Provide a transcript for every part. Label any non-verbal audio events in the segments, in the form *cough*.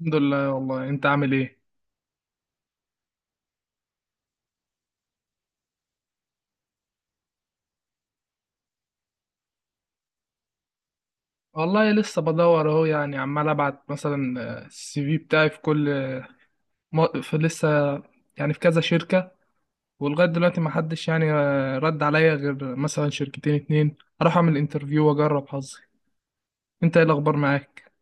الحمد لله. والله انت عامل ايه؟ والله لسه بدور اهو، يعني عمال ابعت مثلا السي في بتاعي في كل في لسه، يعني في كذا شركة. ولغاية دلوقتي ما حدش يعني رد عليا غير مثلا شركتين اتنين. اروح اعمل انترفيو واجرب حظي. انت ايه الاخبار معاك؟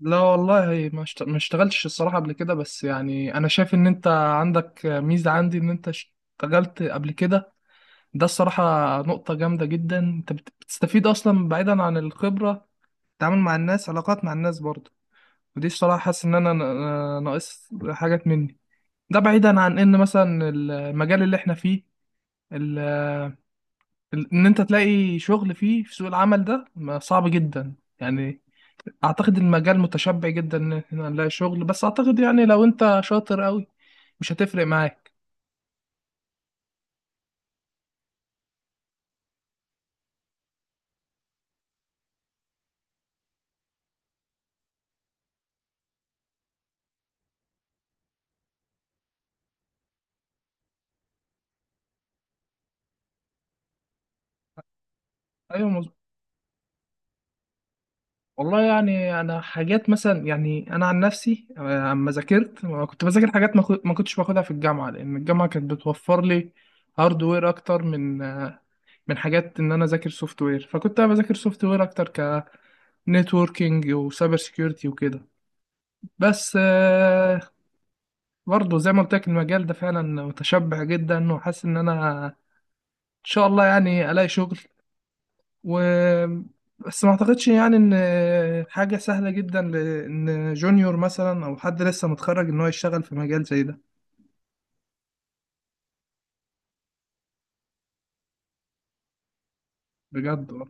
لا والله ما اشتغلتش الصراحة قبل كده، بس يعني انا شايف ان انت عندك ميزة عندي ان انت اشتغلت قبل كده. ده الصراحة نقطة جامدة جدا. انت بتستفيد اصلا بعيدا عن الخبرة، التعامل مع الناس، علاقات مع الناس برضه. ودي الصراحة حاسس إن أنا ناقص حاجات مني. ده بعيدا عن إن مثلا المجال اللي إحنا فيه، ال- إن أنت تلاقي شغل فيه في سوق العمل ده صعب جدا يعني. أعتقد المجال متشبع جدا إن إحنا نلاقي شغل، بس أعتقد يعني لو أنت شاطر أوي مش هتفرق معاك. أيوة. والله يعني انا حاجات مثلا، يعني انا عن نفسي، اما ذاكرت ما كنت بذاكر حاجات ما كنتش باخدها في الجامعه، لان الجامعه كانت بتوفر لي هاردوير اكتر من حاجات ان انا اذاكر سوفت وير. فكنت انا بذاكر سوفت وير اكتر، كنتوركينج وسايبر سيكيورتي وكده. بس برضه زي ما قلت لك المجال ده فعلا متشبع جدا، وحاسس ان انا ان شاء الله يعني الاقي شغل، و بس ما اعتقدش يعني ان حاجة سهلة جدا لان جونيور مثلا او حد لسه متخرج ان هو يشتغل في مجال زي ده، بجد والله.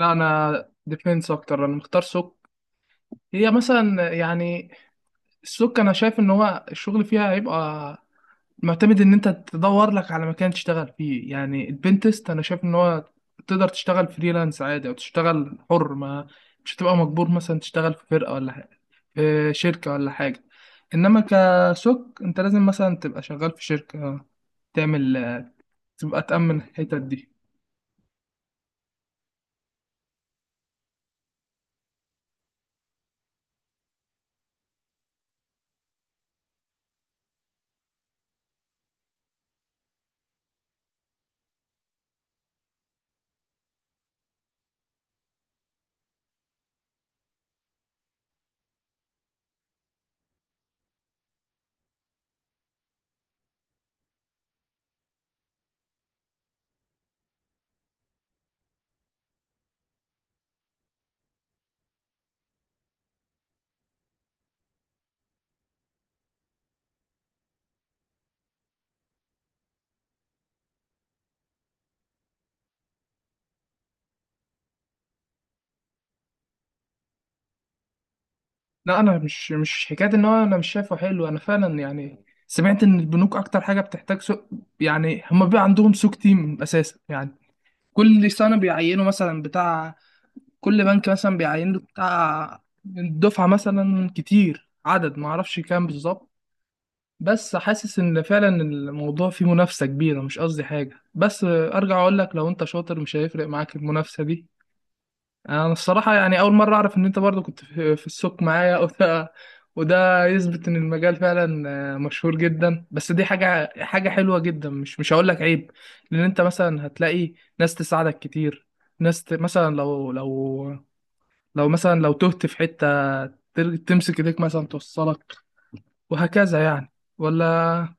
لا، انا ديفينس اكتر. انا مختار سوق. هي مثلا يعني السوق، انا شايف ان هو الشغل فيها هيبقى معتمد ان انت تدور لك على مكان تشتغل فيه. يعني البنتست انا شايف ان هو تقدر تشتغل فريلانس عادي او تشتغل حر، ما مش هتبقى مجبور مثلا تشتغل في فرقة ولا حاجة، في شركة ولا حاجة. انما كسوك انت لازم مثلا تبقى شغال في شركة، تعمل، تبقى تأمن الحتت دي. لا، انا مش حكاية ان هو انا مش شايفه حلو. انا فعلا يعني سمعت ان البنوك اكتر حاجة بتحتاج سوق، يعني هما بيبقى عندهم سوق تيم اساسا يعني. كل سنة بيعينوا مثلا بتاع، كل بنك مثلا بيعين له بتاع دفعة مثلا كتير، عدد ما اعرفش كام بالظبط. بس حاسس ان فعلا الموضوع فيه منافسة كبيرة. مش قصدي حاجة، بس ارجع اقول لك لو انت شاطر مش هيفرق معاك المنافسة دي. انا الصراحة يعني اول مرة اعرف ان انت برضو كنت في السوق معايا *laughs* وده يثبت ان المجال فعلا مشهور جدا. بس دي حاجة حلوة جدا. مش هقول لك عيب، لان انت مثلا هتلاقي ناس تساعدك كتير، ناس مثلا لو تهت في حتة، تمسك ايديك مثلا توصلك، وهكذا يعني. ولا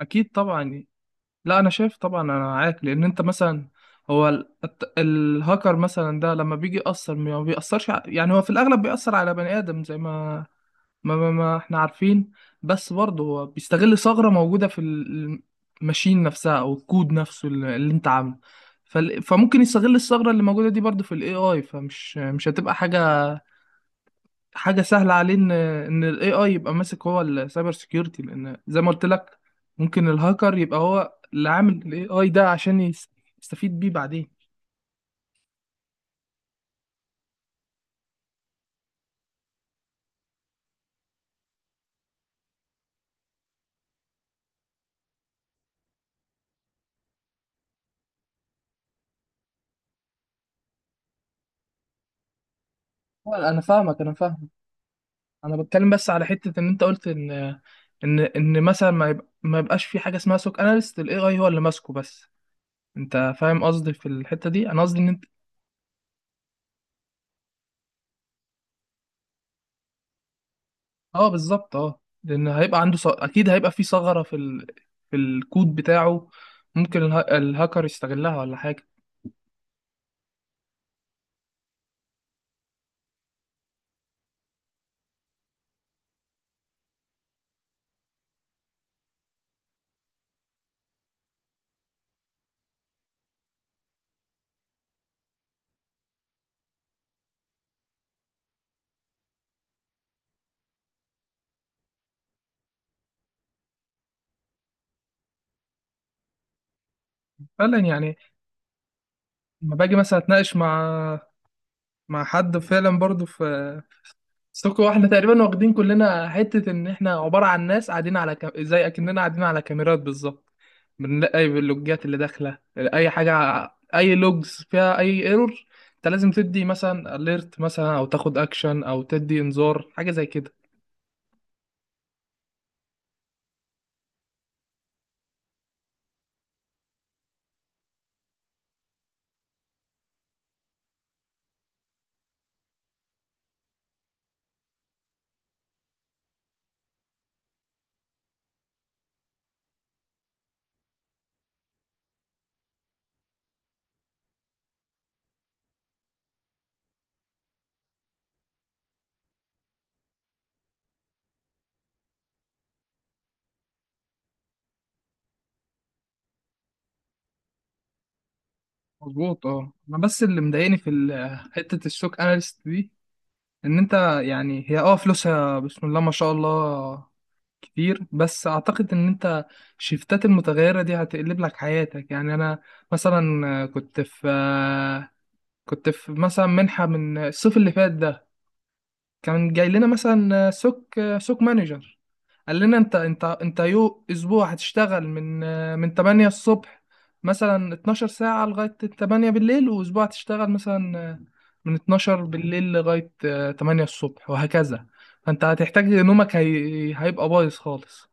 اكيد طبعا يعني. لا، انا شايف طبعا انا معاك. لان انت مثلا، هو الهاكر مثلا ده لما بيجي يأثر، ما بيأثرش يعني، هو في الاغلب بيأثر على بني ادم زي ما احنا عارفين. بس برضه هو بيستغل ثغرة موجودة في الماشين نفسها او الكود نفسه اللي انت عامله. فممكن يستغل الثغرة اللي موجودة دي برضه في الاي اي. فمش مش هتبقى حاجه سهله عليه ان الاي اي يبقى ماسك هو السايبر سيكيورتي، لان زي ما قلت لك ممكن الهاكر يبقى هو اللي عامل الاي اي ده عشان يستفيد بيه بعدين. هو انا فاهمك، انا فاهم. انا بتكلم بس على حته ان انت قلت ان مثلا ما يبقاش في حاجه اسمها سوك اناليست، الاي اي هو اللي ماسكه بس. انت فاهم قصدي في الحته دي. انا قصدي ان انت، اه بالظبط، اه، لان هيبقى عنده اكيد هيبقى في ثغره في الكود بتاعه. ممكن الهاكر يستغلها ولا حاجه. فعلا يعني. لما باجي مثلا اتناقش مع حد فعلا برضو في سوكو، واحنا تقريبا واخدين كلنا حتة ان احنا عبارة عن ناس قاعدين على زي اكننا قاعدين على كاميرات بالظبط. بنلاقي اي اللوجات اللي داخلة، اي حاجة، اي لوجز فيها اي ايرور، انت لازم تدي مثلا اليرت مثلا، او تاخد اكشن، او تدي انذار، حاجة زي كده. مظبوط، اه. انا بس اللي مضايقني في حتة السوك اناليست دي، ان انت يعني هي اه فلوسها بسم الله ما شاء الله كتير، بس اعتقد ان انت الشيفتات المتغيرة دي هتقلب لك حياتك. يعني انا مثلا كنت في مثلا منحة من الصيف اللي فات ده، كان جاي لنا مثلا سوق مانجر، قال لنا انت اسبوع هتشتغل من 8 الصبح، مثلا 12 ساعة لغاية 8 بالليل، واسبوع هتشتغل مثلا من 12 بالليل لغاية 8 الصبح، وهكذا. فانت هتحتاج نومك هيبقى بايظ خالص.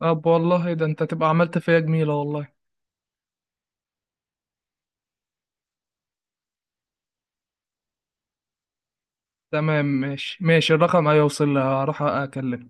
طب والله ده انت تبقى عملت فيا جميلة والله. تمام ماشي، ماشي. الرقم هيوصل لي، هروح اكلمه.